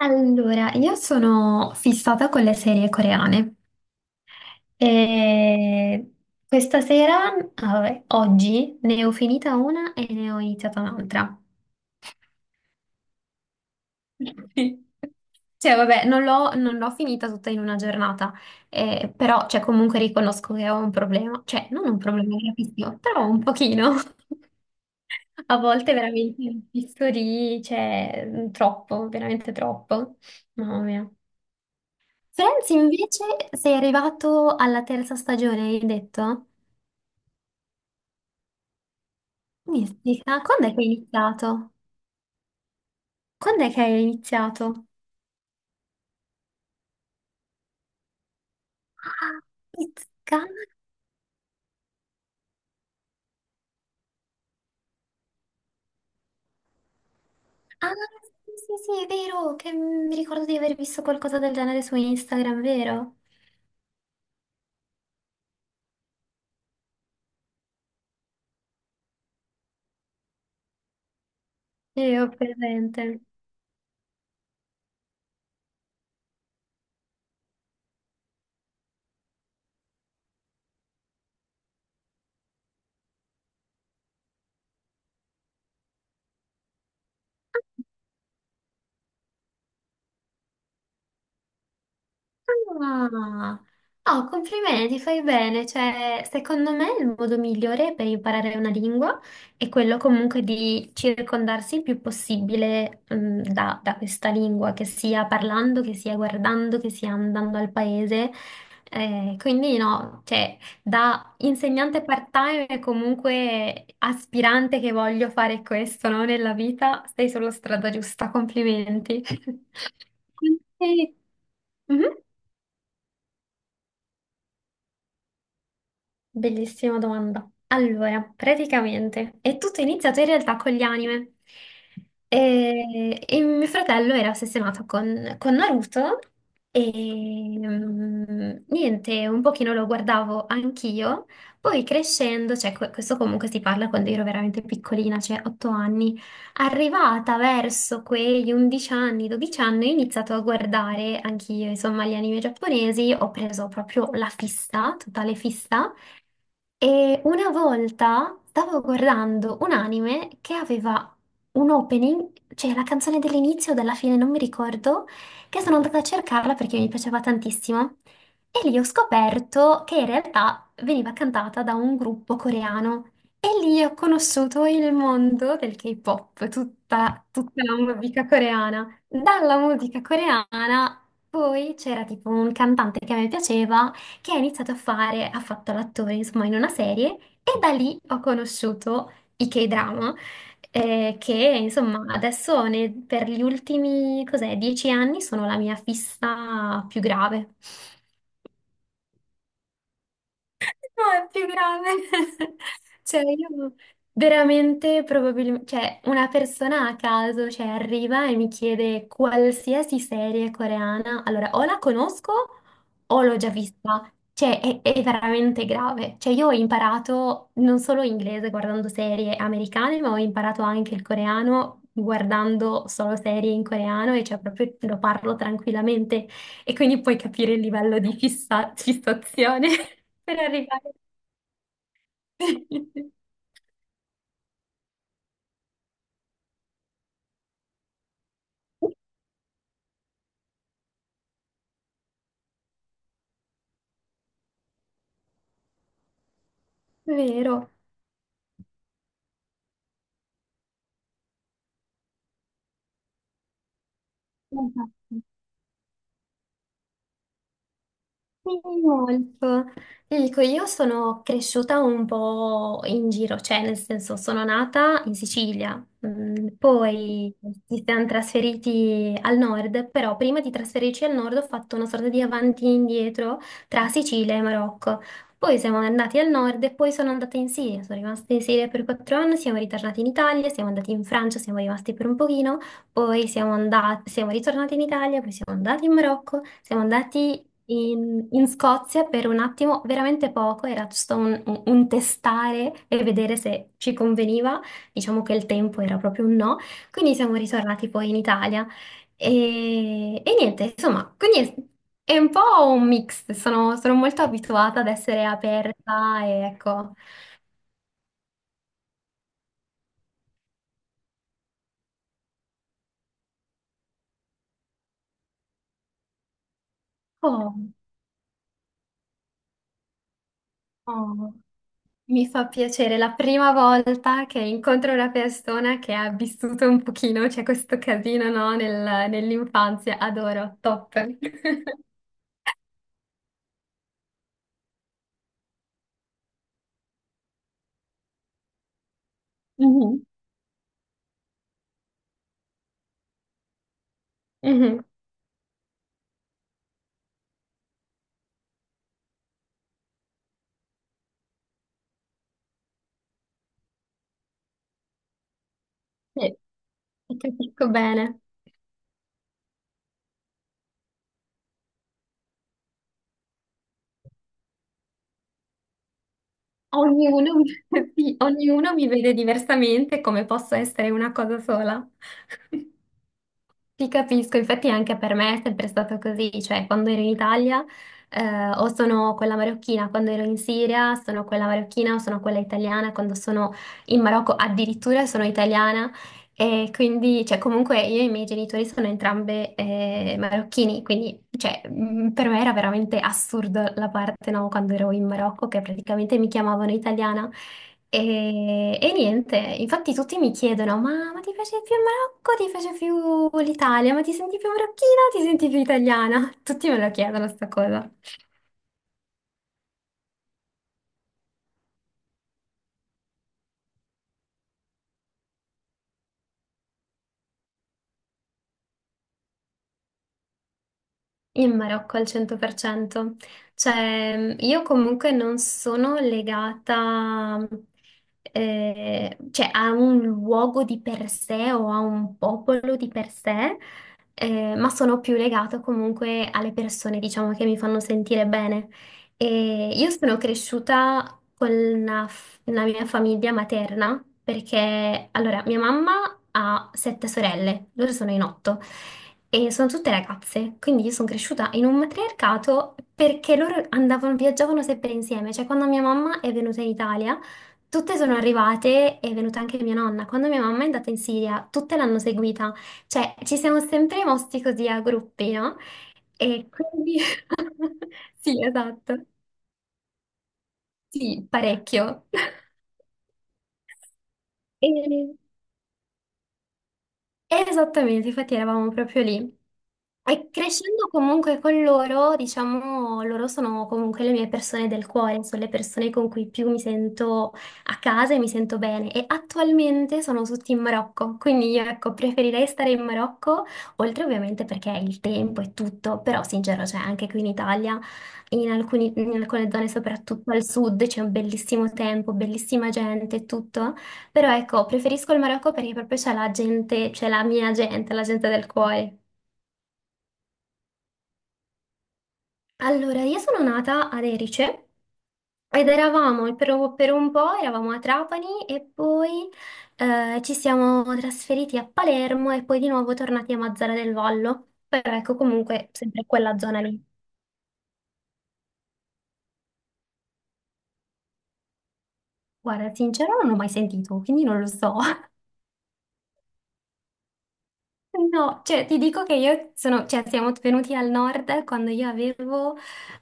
Allora, io sono fissata con le serie coreane e questa sera, ah, vabbè, oggi, ne ho finita una e ne ho iniziata un'altra. Sì. Cioè, vabbè, non l'ho finita tutta in una giornata, però cioè, comunque riconosco che ho un problema, cioè non un problema gravissimo, però un pochino. A volte veramente mi fisso lì, cioè, troppo, veramente troppo. Mamma mia. Friends invece sei arrivato alla terza stagione, hai detto? Mistica, quando è che hai iniziato? Quando è che hai iniziato? Ah, Pizzica. Ah, sì, sì, sì, è vero, che mi ricordo di aver visto qualcosa del genere su Instagram, vero? Io ho presente. Ah, oh, complimenti, fai bene. Cioè, secondo me il modo migliore per imparare una lingua è quello comunque di circondarsi il più possibile, da questa lingua, che sia parlando, che sia guardando, che sia andando al paese. Quindi no, cioè, da insegnante part-time e comunque aspirante che voglio fare questo, no, nella vita, sei sulla strada giusta, complimenti. E- Mhm. Bellissima domanda. Allora, praticamente è tutto iniziato in realtà con gli anime. E mio fratello era ossessionato con Naruto e niente, un pochino lo guardavo anch'io. Poi crescendo, cioè questo comunque si parla quando ero veramente piccolina, cioè 8 anni, arrivata verso quegli 11 anni, 12 anni, ho iniziato a guardare anch'io, insomma, gli anime giapponesi, ho preso proprio la fissa, totale fissa. E una volta stavo guardando un anime che aveva un opening, cioè la canzone dell'inizio o della fine, non mi ricordo, che sono andata a cercarla perché mi piaceva tantissimo. E lì ho scoperto che in realtà veniva cantata da un gruppo coreano. E lì ho conosciuto il mondo del K-pop, tutta, tutta la musica coreana. Dalla musica coreana poi c'era tipo un cantante che a me piaceva che ha iniziato a fare, ha fatto l'attore, insomma, in una serie e da lì ho conosciuto i K-drama, che insomma adesso per gli ultimi, cos'è, 10 anni sono la mia fissa più grave. No, è più grave. Cioè, io veramente probabilmente, cioè, una persona a caso, cioè, arriva e mi chiede qualsiasi serie coreana. Allora, o la conosco o l'ho già vista. Cioè, è veramente grave. Cioè, io ho imparato non solo inglese guardando serie americane, ma ho imparato anche il coreano guardando solo serie in coreano e cioè proprio lo parlo tranquillamente e quindi puoi capire il livello di fissazione per arrivare. Vero. Sì, molto. Ti dico, io sono cresciuta un po' in giro, cioè nel senso sono nata in Sicilia, poi ci siamo trasferiti al nord, però prima di trasferirci al nord ho fatto una sorta di avanti e indietro tra Sicilia e Marocco. Poi siamo andati al nord e poi sono andata in Siria, sono rimasta in Siria per 4 anni, siamo ritornati in Italia, siamo andati in Francia, siamo rimasti per un pochino, poi siamo ritornati in Italia, poi siamo andati in Marocco. Siamo andati in Scozia per un attimo, veramente poco, era giusto un testare e vedere se ci conveniva. Diciamo che il tempo era proprio un no, quindi siamo ritornati poi in Italia. E niente, insomma, quindi è un po' un mix. Sono molto abituata ad essere aperta e ecco. Oh, oh. Mi fa piacere, la prima volta che incontro una persona che ha vissuto un pochino, c'è questo casino, no, nell'infanzia, adoro, top. Mhm. Mhm, sì, ti capisco bene. Ognuno, sì, ognuno mi vede diversamente come posso essere una cosa sola. Ti capisco, infatti anche per me è sempre stato così, cioè quando ero in Italia o sono quella marocchina, quando ero in Siria sono quella marocchina o sono quella italiana, quando sono in Marocco addirittura sono italiana, e quindi, cioè, comunque io e i miei genitori sono entrambe marocchini, quindi, cioè, per me era veramente assurdo la parte, no, quando ero in Marocco, che praticamente mi chiamavano italiana. E niente, infatti tutti mi chiedono, ma ti piace più il Marocco, ti piace più l'Italia, ma ti senti più marocchina o ti senti più italiana? Tutti me lo chiedono sta cosa. In Marocco al 100%. Cioè, io comunque non sono legata, cioè, a un luogo di per sé o a un popolo di per sé, ma sono più legata comunque alle persone, diciamo, che mi fanno sentire bene. E io sono cresciuta con la mia famiglia materna, perché, allora, mia mamma ha sette sorelle, loro sono in otto. E sono tutte ragazze, quindi io sono cresciuta in un matriarcato perché loro andavano, viaggiavano sempre insieme. Cioè, quando mia mamma è venuta in Italia, tutte sono arrivate, è venuta anche mia nonna. Quando mia mamma è andata in Siria, tutte l'hanno seguita. Cioè, ci siamo sempre mossi così a gruppi, no? E quindi. Sì, esatto. Sì, parecchio. E... Esattamente, infatti eravamo proprio lì. E crescendo comunque con loro, diciamo, loro sono comunque le mie persone del cuore, sono le persone con cui più mi sento a casa e mi sento bene. E attualmente sono tutti in Marocco, quindi io ecco, preferirei stare in Marocco, oltre ovviamente perché il tempo e tutto, però sincero, cioè anche qui in Italia, in alcune zone, soprattutto al sud, c'è un bellissimo tempo, bellissima gente e tutto, però ecco, preferisco il Marocco perché proprio c'è la gente, c'è la mia gente, la gente del cuore. Allora, io sono nata ad Erice ed eravamo per un po', eravamo a Trapani e poi ci siamo trasferiti a Palermo e poi di nuovo tornati a Mazara del Vallo. Però ecco, comunque, sempre quella zona lì. Guarda, sincero, non l'ho mai sentito, quindi non lo so. No, cioè ti dico che cioè siamo venuti al nord quando io avevo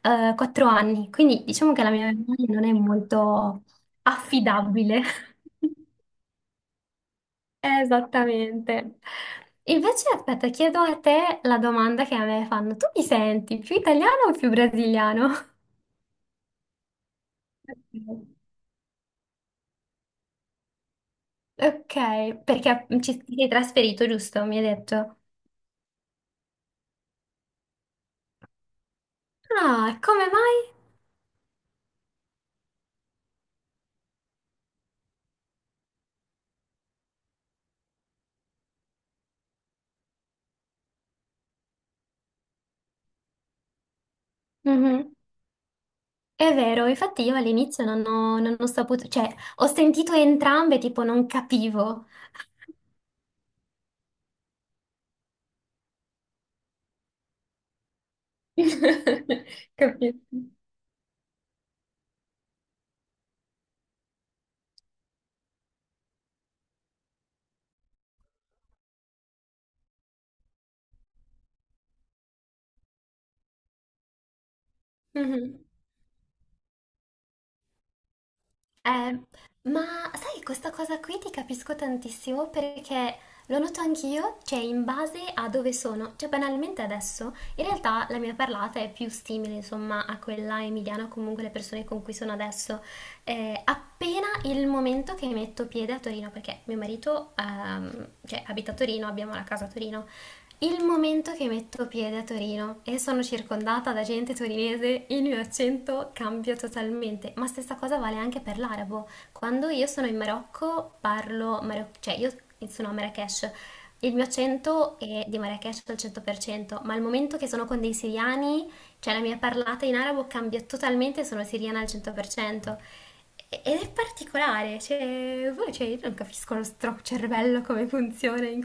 4 anni, quindi diciamo che la mia memoria non è molto affidabile. Esattamente. Invece, aspetta, chiedo a te la domanda che a me fanno. Tu mi senti più italiano o più brasiliano? Ok, ok, perché ci ti sei trasferito, giusto? Mi hai detto. Ah, come mai? Mhm. È vero, infatti io all'inizio non ho saputo, cioè ho sentito entrambe, tipo non capivo. Capito. Mhm. Eh, ma sai, questa cosa qui ti capisco tantissimo perché lo noto anch'io, cioè in base a dove sono, cioè banalmente adesso, in realtà la mia parlata è più simile, insomma, a quella emiliana o comunque le persone con cui sono adesso. Appena il momento che metto piede a Torino, perché mio marito, cioè, abita a Torino, abbiamo la casa a Torino, il momento che metto piede a Torino e sono circondata da gente torinese, il mio accento cambia totalmente, ma stessa cosa vale anche per l'arabo. Quando io sono in Marocco cioè io sono a Marrakech, il mio accento è di Marrakech al 100%, ma al momento che sono con dei siriani, cioè la mia parlata in arabo cambia totalmente, sono siriana al 100%. Ed è particolare, cioè, cioè, io non capisco lo stro cervello come funziona in questo.